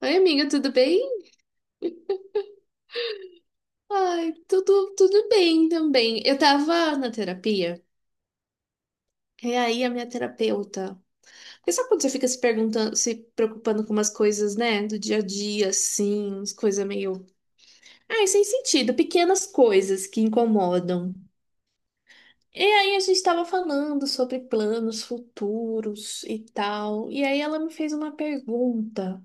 Oi, amiga, tudo bem? Ai, tudo bem também. Eu tava na terapia, e aí a minha terapeuta. Porque sabe quando você fica se perguntando, se preocupando com umas coisas, né? Do dia a dia, assim, umas coisas meio. Ai, sem sentido, pequenas coisas que incomodam. E aí a gente tava falando sobre planos futuros e tal. E aí ela me fez uma pergunta.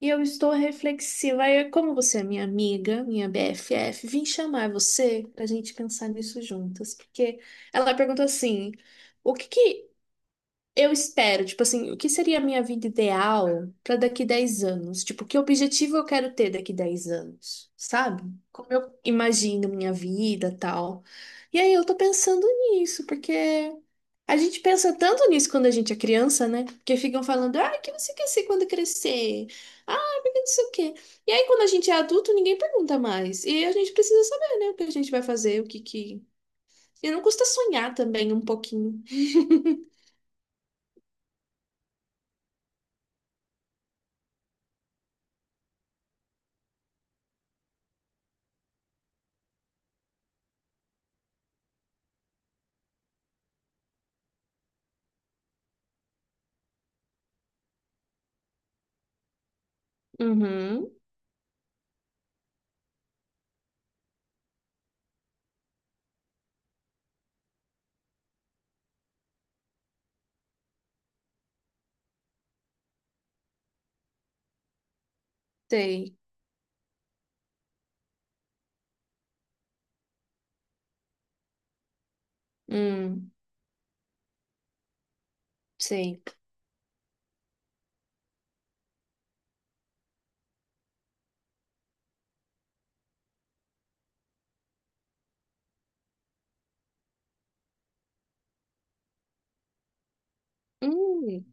E eu estou reflexiva. Aí, como você é minha amiga, minha BFF, vim chamar você pra gente pensar nisso juntas. Porque ela perguntou assim: o que que eu espero, tipo assim, o que seria a minha vida ideal para daqui 10 anos? Tipo, que objetivo eu quero ter daqui 10 anos, sabe? Como eu imagino minha vida, tal. E aí eu tô pensando nisso, porque a gente pensa tanto nisso quando a gente é criança, né? Porque ficam falando, ah, o que você quer ser quando crescer? Ah, porque não sei o quê. E aí quando a gente é adulto, ninguém pergunta mais. E a gente precisa saber, né, o que a gente vai fazer, o que que... E não custa sonhar também um pouquinho. Uhum, sei. Hum, sei. Hum,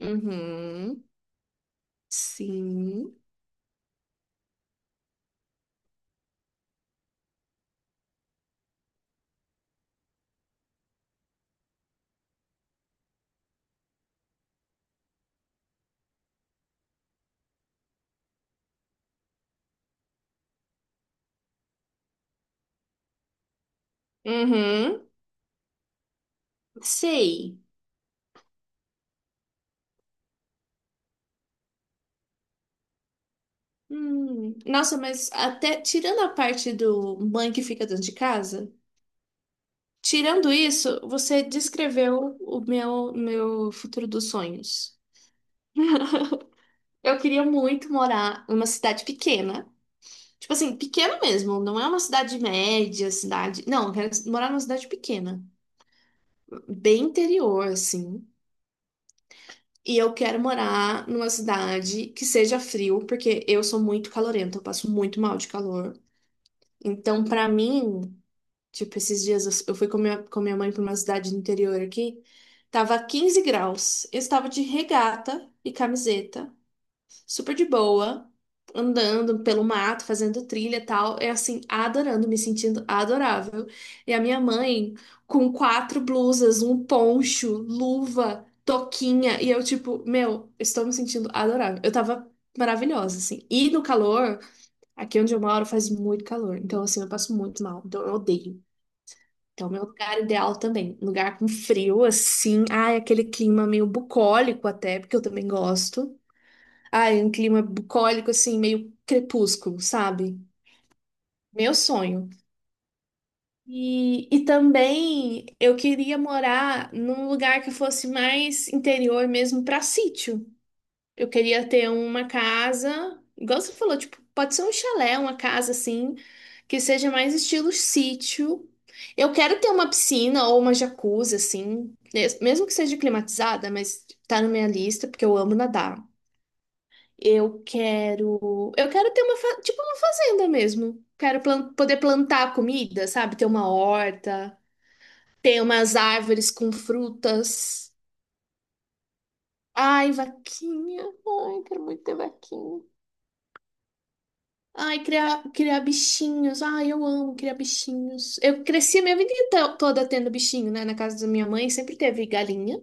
uhum, sim. Uhum, sei. Hum. Nossa, mas até tirando a parte do mãe que fica dentro de casa, tirando isso, você descreveu o meu futuro dos sonhos. Eu queria muito morar numa cidade pequena. Tipo assim, pequena mesmo, não é uma cidade média, cidade. Não, eu quero morar numa cidade pequena, bem interior, assim. E eu quero morar numa cidade que seja frio, porque eu sou muito calorenta, eu passo muito mal de calor. Então, pra mim, tipo, esses dias eu fui com minha mãe pra uma cidade do interior aqui, tava 15 graus. Eu estava de regata e camiseta super de boa, andando pelo mato, fazendo trilha e tal. É assim, adorando, me sentindo adorável. E a minha mãe com quatro blusas, um poncho, luva, toquinha. E eu, tipo, meu, estou me sentindo adorável. Eu tava maravilhosa, assim. E no calor, aqui onde eu moro faz muito calor. Então, assim, eu passo muito mal. Então, eu odeio. Então, meu lugar ideal também. Lugar com frio, assim. Ai, aquele clima meio bucólico até, porque eu também gosto. Ai, um clima bucólico, assim, meio crepúsculo, sabe? Meu sonho. E também eu queria morar num lugar que fosse mais interior mesmo para sítio. Eu queria ter uma casa, igual você falou, tipo, pode ser um chalé, uma casa assim, que seja mais estilo sítio. Eu quero ter uma piscina ou uma jacuzzi, assim, mesmo que seja climatizada, mas tá na minha lista, porque eu amo nadar. Eu quero ter uma, tipo uma fazenda mesmo. Quero poder plantar comida, sabe? Ter uma horta, ter umas árvores com frutas. Ai, vaquinha. Ai, quero muito ter vaquinha. Ai, criar, criar bichinhos. Ai, eu amo criar bichinhos. Eu cresci a minha vida toda tendo bichinho, né? Na casa da minha mãe sempre teve galinha.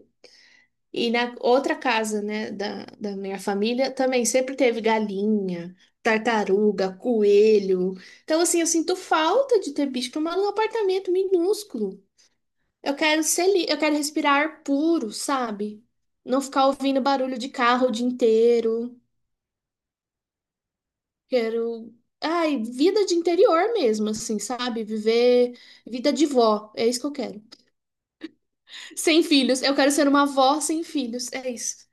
E na outra casa, né, da minha família, também sempre teve galinha, tartaruga, coelho. Então, assim, eu sinto falta de ter bicho, que eu moro num apartamento minúsculo. Eu quero respirar ar puro, sabe? Não ficar ouvindo barulho de carro o dia inteiro. Quero, ai, vida de interior mesmo, assim, sabe? Viver vida de vó, é isso que eu quero. Sem filhos, eu quero ser uma vó sem filhos, é isso.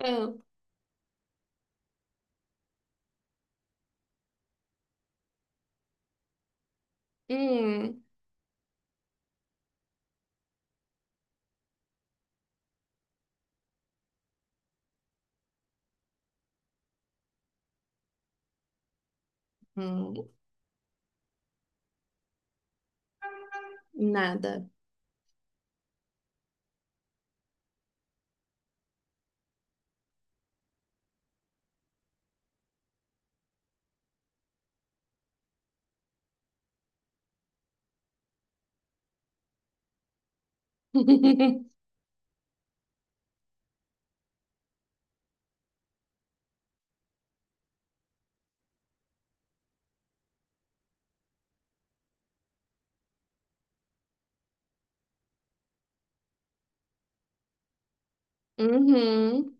Ah, hum. Hum. Nada. Uhum,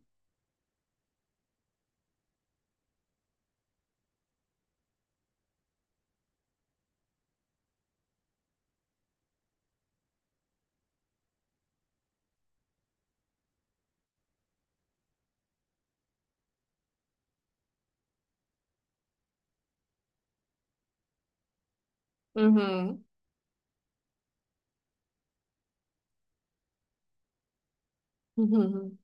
uhum, uhum.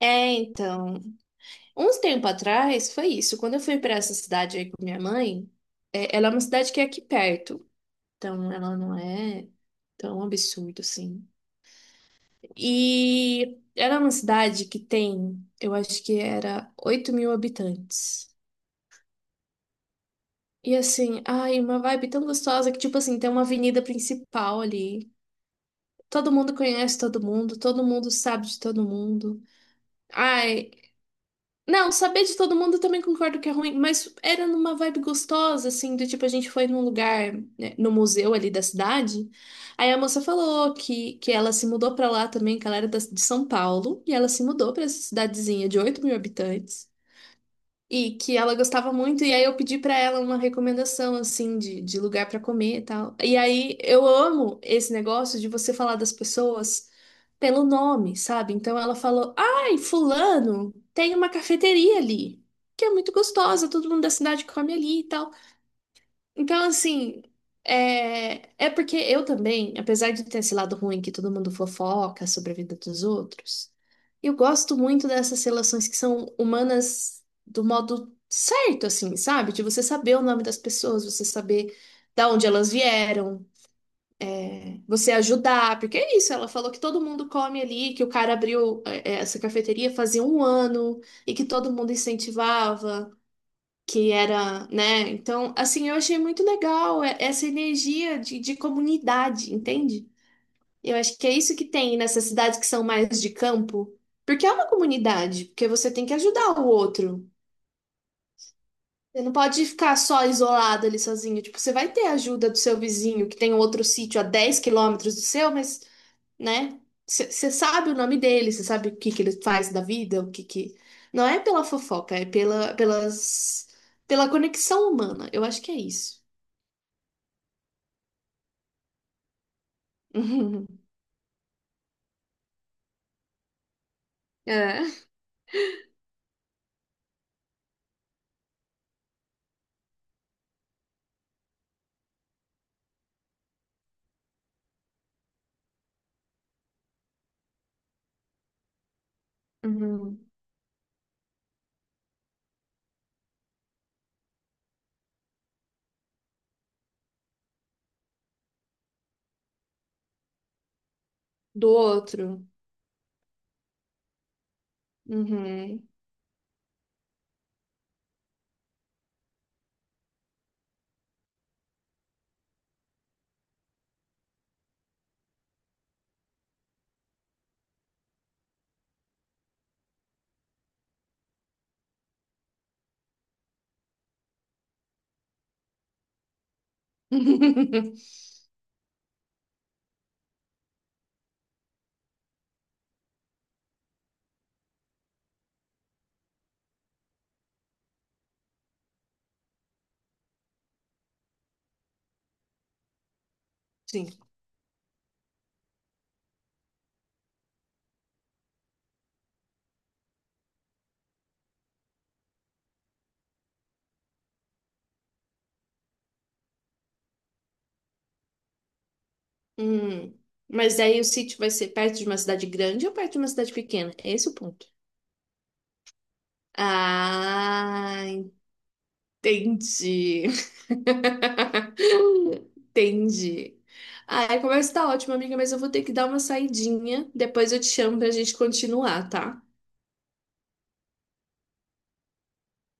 É, então, uns tempo atrás foi isso. Quando eu fui para essa cidade aí com minha mãe, é, ela é uma cidade que é aqui perto, então ela não é tão absurdo assim. E era uma cidade que tem, eu acho que era 8 mil habitantes. E assim, ai, uma vibe tão gostosa que, tipo assim, tem uma avenida principal ali. Todo mundo conhece todo mundo sabe de todo mundo. Ai, não, saber de todo mundo eu também concordo que é ruim, mas era numa vibe gostosa, assim, do tipo, a gente foi num lugar, né, no museu ali da cidade, aí a moça falou que ela se mudou pra lá também, que ela era de São Paulo, e ela se mudou pra essa cidadezinha de 8 mil habitantes, e que ela gostava muito, e aí eu pedi pra ela uma recomendação, assim, de lugar pra comer e tal. E aí eu amo esse negócio de você falar das pessoas pelo nome, sabe? Então ela falou: Ai, Fulano, tem uma cafeteria ali, que é muito gostosa, todo mundo da cidade come ali e tal. Então, assim, é porque eu também, apesar de ter esse lado ruim que todo mundo fofoca sobre a vida dos outros, eu gosto muito dessas relações que são humanas do modo certo, assim, sabe? De você saber o nome das pessoas, você saber da onde elas vieram, você ajudar, porque é isso, ela falou que todo mundo come ali, que o cara abriu é, essa cafeteria fazia um ano e que todo mundo incentivava que era, né? Então, assim, eu achei muito legal essa energia de, comunidade, entende? Eu acho que é isso que tem nessas cidades que são mais de campo, porque é uma comunidade, porque você tem que ajudar o outro. Você não pode ficar só isolado ali sozinho. Tipo, você vai ter a ajuda do seu vizinho que tem outro sítio a 10 km do seu, mas, né? Você sabe o nome dele, você sabe o que que ele faz da vida, o que que... Não é pela fofoca, é pela conexão humana. Eu acho que é isso. Uhum. É. Uhum. Do outro. Uhum. Sim. Hum. Mas daí o sítio vai ser perto de uma cidade grande ou perto de uma cidade pequena? É esse é o ponto. Ah, entendi. Entendi. Ah, a conversa tá ótima, amiga, mas eu vou ter que dar uma saidinha. Depois eu te chamo pra gente continuar, tá?